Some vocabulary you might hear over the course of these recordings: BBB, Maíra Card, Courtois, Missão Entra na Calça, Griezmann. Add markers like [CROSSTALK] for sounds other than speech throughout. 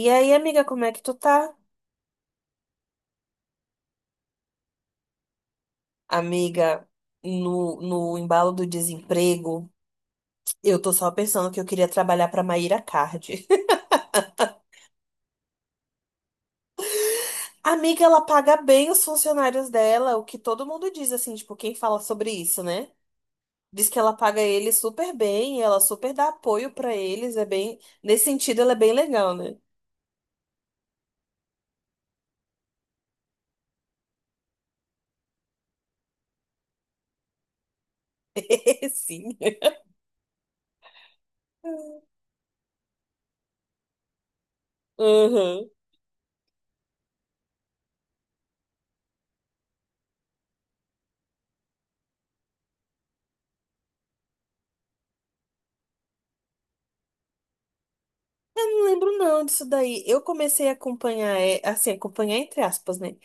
E aí, amiga, como é que tu tá? Amiga, no embalo do desemprego, eu tô só pensando que eu queria trabalhar pra Maíra Card. [LAUGHS] Amiga, ela paga bem os funcionários dela, o que todo mundo diz, assim, tipo, quem fala sobre isso, né? Diz que ela paga eles super bem, ela super dá apoio pra eles, é bem... Nesse sentido, ela é bem legal, né? [LAUGHS] Sim. Uhum. Não lembro não disso daí. Eu comecei a acompanhar, é, assim, acompanhar entre aspas, né?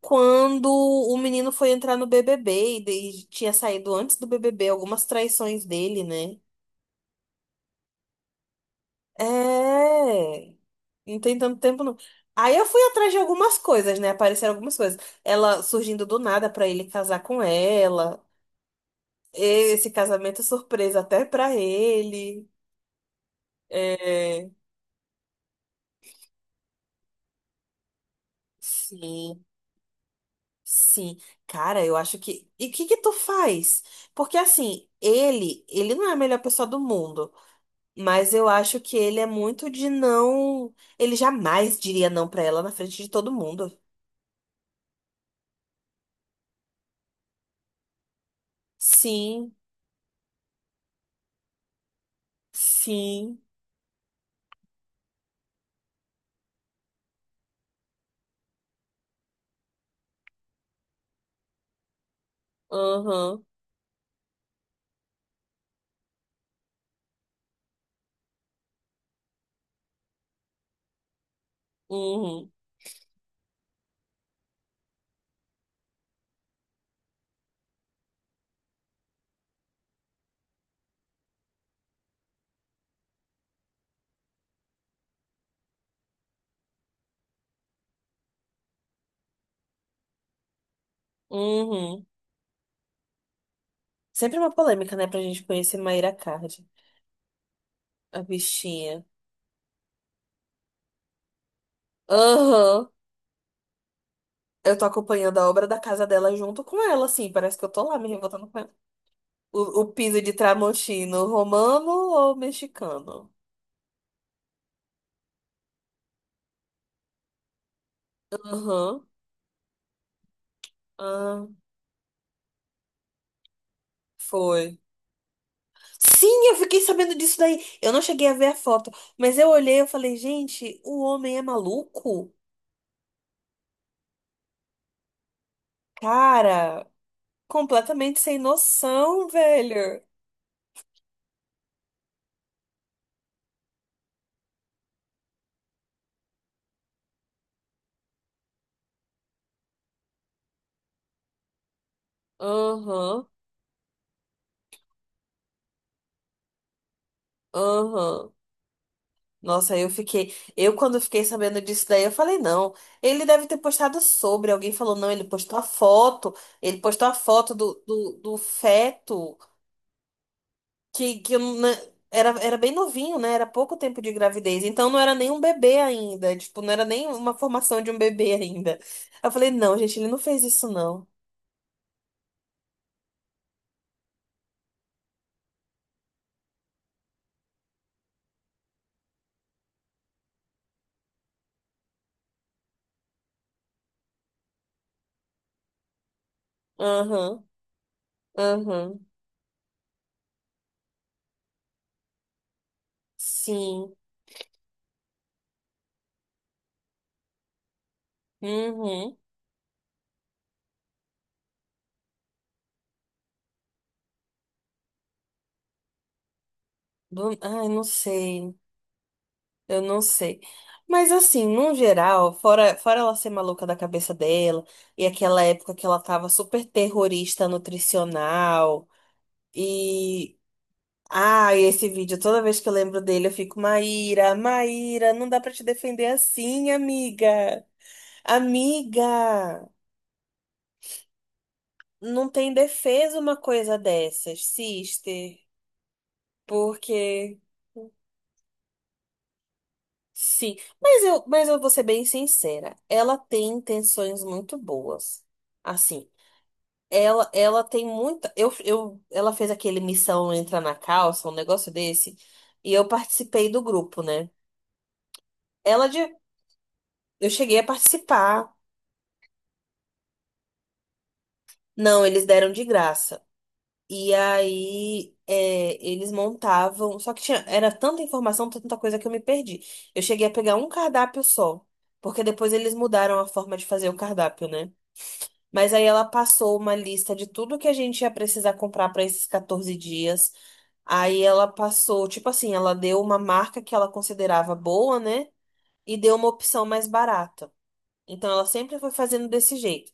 Quando o menino foi entrar no BBB e tinha saído antes do BBB algumas traições dele, né? É. Não tem tanto tempo, não. Aí eu fui atrás de algumas coisas, né? Apareceram algumas coisas. Ela surgindo do nada pra ele casar com ela. Esse casamento é surpresa até pra ele. É. Sim, sim. Cara, eu acho que. E o que que tu faz? Porque assim, ele não é a melhor pessoa do mundo. Mas eu acho que ele é muito de não. Ele jamais diria não pra ela na frente de todo mundo. Sim, sim, aham, uhum, uhum. Sempre uma polêmica, né, pra gente conhecer Mayra Card, a bichinha. Aham. Eu tô acompanhando a obra da casa dela junto com ela, assim, parece que eu tô lá me revoltando com ela. O piso de tramontino romano ou mexicano? Aham, ah, foi. Sim, eu fiquei sabendo disso daí. Eu não cheguei a ver a foto, mas eu olhei e falei, gente, o homem é maluco? Cara, completamente sem noção, velho. Aham, aham. Nossa, eu fiquei. Eu, quando fiquei sabendo disso daí, eu falei, não. Ele deve ter postado sobre. Alguém falou, não, ele postou a foto. Ele postou a foto do feto. que, que eu na- Era, era bem novinho, né? Era pouco tempo de gravidez. Então não era nem um bebê ainda. Tipo, não era nem uma formação de um bebê ainda. Eu falei, não, gente, ele não fez isso, não. Aham, aham. Sim. Uhum. Ai, não sei. Eu não sei. Mas assim, no geral, fora ela ser maluca da cabeça dela, e aquela época que ela tava super terrorista nutricional. E ah, e esse vídeo, toda vez que eu lembro dele, eu fico, Maíra, Maíra, não dá pra te defender assim, amiga. Amiga, não tem defesa uma coisa dessas, sister. Porque, sim. Mas eu vou ser bem sincera, ela tem intenções muito boas. Assim, ela tem muita. Ela fez aquele Missão Entra na Calça, um negócio desse, e eu participei do grupo, né? Ela de. Eu cheguei a participar. Não, eles deram de graça. E aí, é, eles montavam. Só que tinha, era tanta informação, tanta coisa que eu me perdi. Eu cheguei a pegar um cardápio só. Porque depois eles mudaram a forma de fazer o cardápio, né? Mas aí ela passou uma lista de tudo que a gente ia precisar comprar para esses 14 dias. Aí ela passou, tipo assim, ela deu uma marca que ela considerava boa, né? E deu uma opção mais barata. Então ela sempre foi fazendo desse jeito.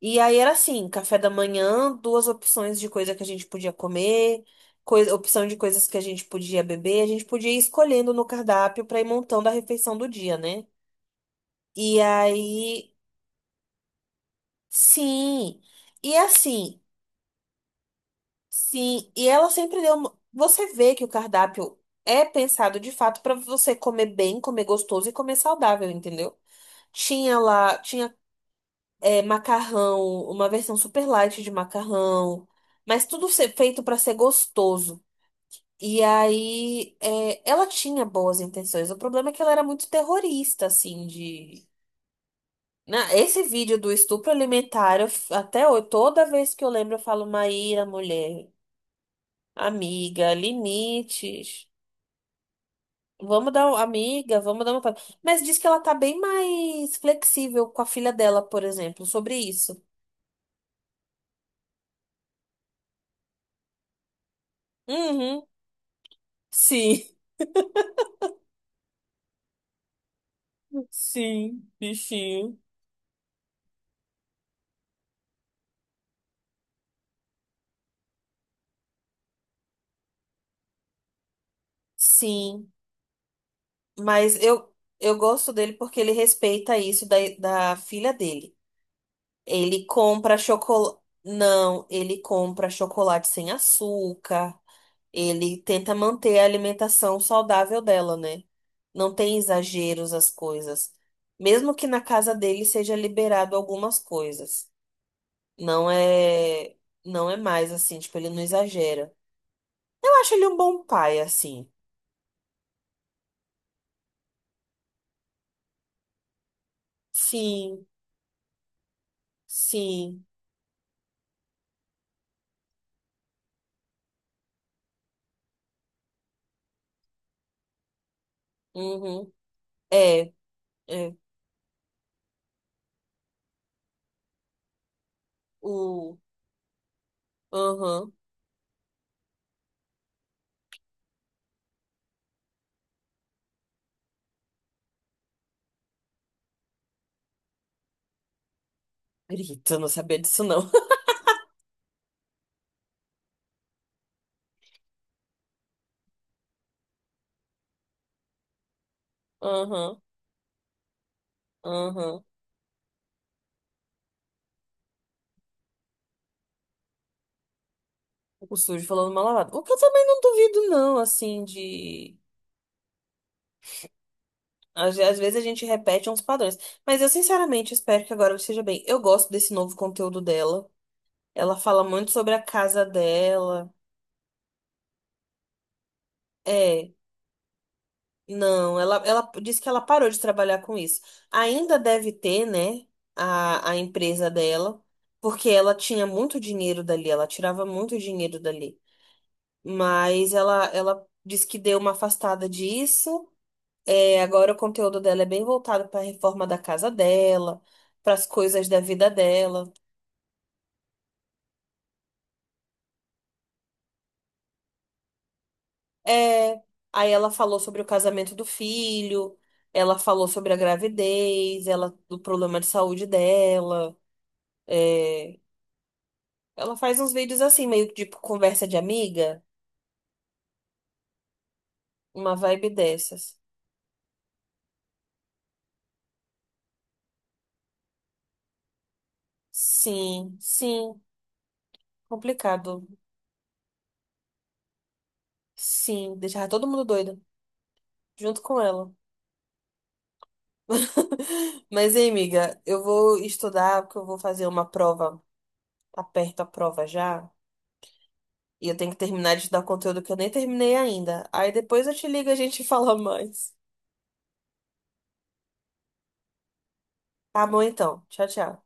E aí era assim, café da manhã, duas opções de coisa que a gente podia comer, coisa, opção de coisas que a gente podia beber, a gente podia ir escolhendo no cardápio para ir montando a refeição do dia, né? E aí, sim. E assim, sim, e ela sempre deu, uma- você vê que o cardápio é pensado de fato para você comer bem, comer gostoso e comer saudável, entendeu? Tinha lá, tinha é, macarrão, uma versão super light de macarrão, mas tudo ser feito para ser gostoso. E aí, é, ela tinha boas intenções. O problema é que ela era muito terrorista, assim, de. Esse vídeo do estupro alimentar, eu até hoje, toda vez que eu lembro, eu falo, Maíra, mulher, amiga, limites. Amiga, vamos dar uma. Mas diz que ela tá bem mais flexível com a filha dela, por exemplo, sobre isso. Uhum, sim. Sim, bichinho. Sim, mas eu gosto dele porque ele respeita isso da filha dele. Ele compra chocolate. Não, ele compra chocolate sem açúcar. Ele tenta manter a alimentação saudável dela, né? Não tem exageros as coisas. Mesmo que na casa dele seja liberado algumas coisas. Não é, não é mais assim, tipo, ele não exagera. Eu acho ele um bom pai, assim. Sim. Sim. Uhum. É, é. O. Aham. Grito, eu não sabia disso, não. [LAUGHS] Aham, aham. O sujo falando mal lavado. O que eu também não duvido, não, assim, de. Às vezes a gente repete uns padrões. Mas eu, sinceramente, espero que agora ela esteja bem. Eu gosto desse novo conteúdo dela. Ela fala muito sobre a casa dela. É. Não, ela disse que ela parou de trabalhar com isso. Ainda deve ter, né, a empresa dela, porque ela tinha muito dinheiro dali, ela tirava muito dinheiro dali. Mas ela disse que deu uma afastada disso. É, agora o conteúdo dela é bem voltado para a reforma da casa dela, para as coisas da vida dela. É, aí ela falou sobre o casamento do filho, ela falou sobre a gravidez, ela, do problema de saúde dela. É, ela faz uns vídeos assim, meio que tipo conversa de amiga, uma vibe dessas. Sim, sim, complicado. Sim, deixar todo mundo doido junto com ela. [LAUGHS] Mas, hein, amiga, eu vou estudar porque eu vou fazer uma prova. Tá perto a prova já. E eu tenho que terminar de estudar conteúdo que eu nem terminei ainda. Aí depois eu te ligo e a gente [LAUGHS] fala mais. Tá bom, então. Tchau, tchau.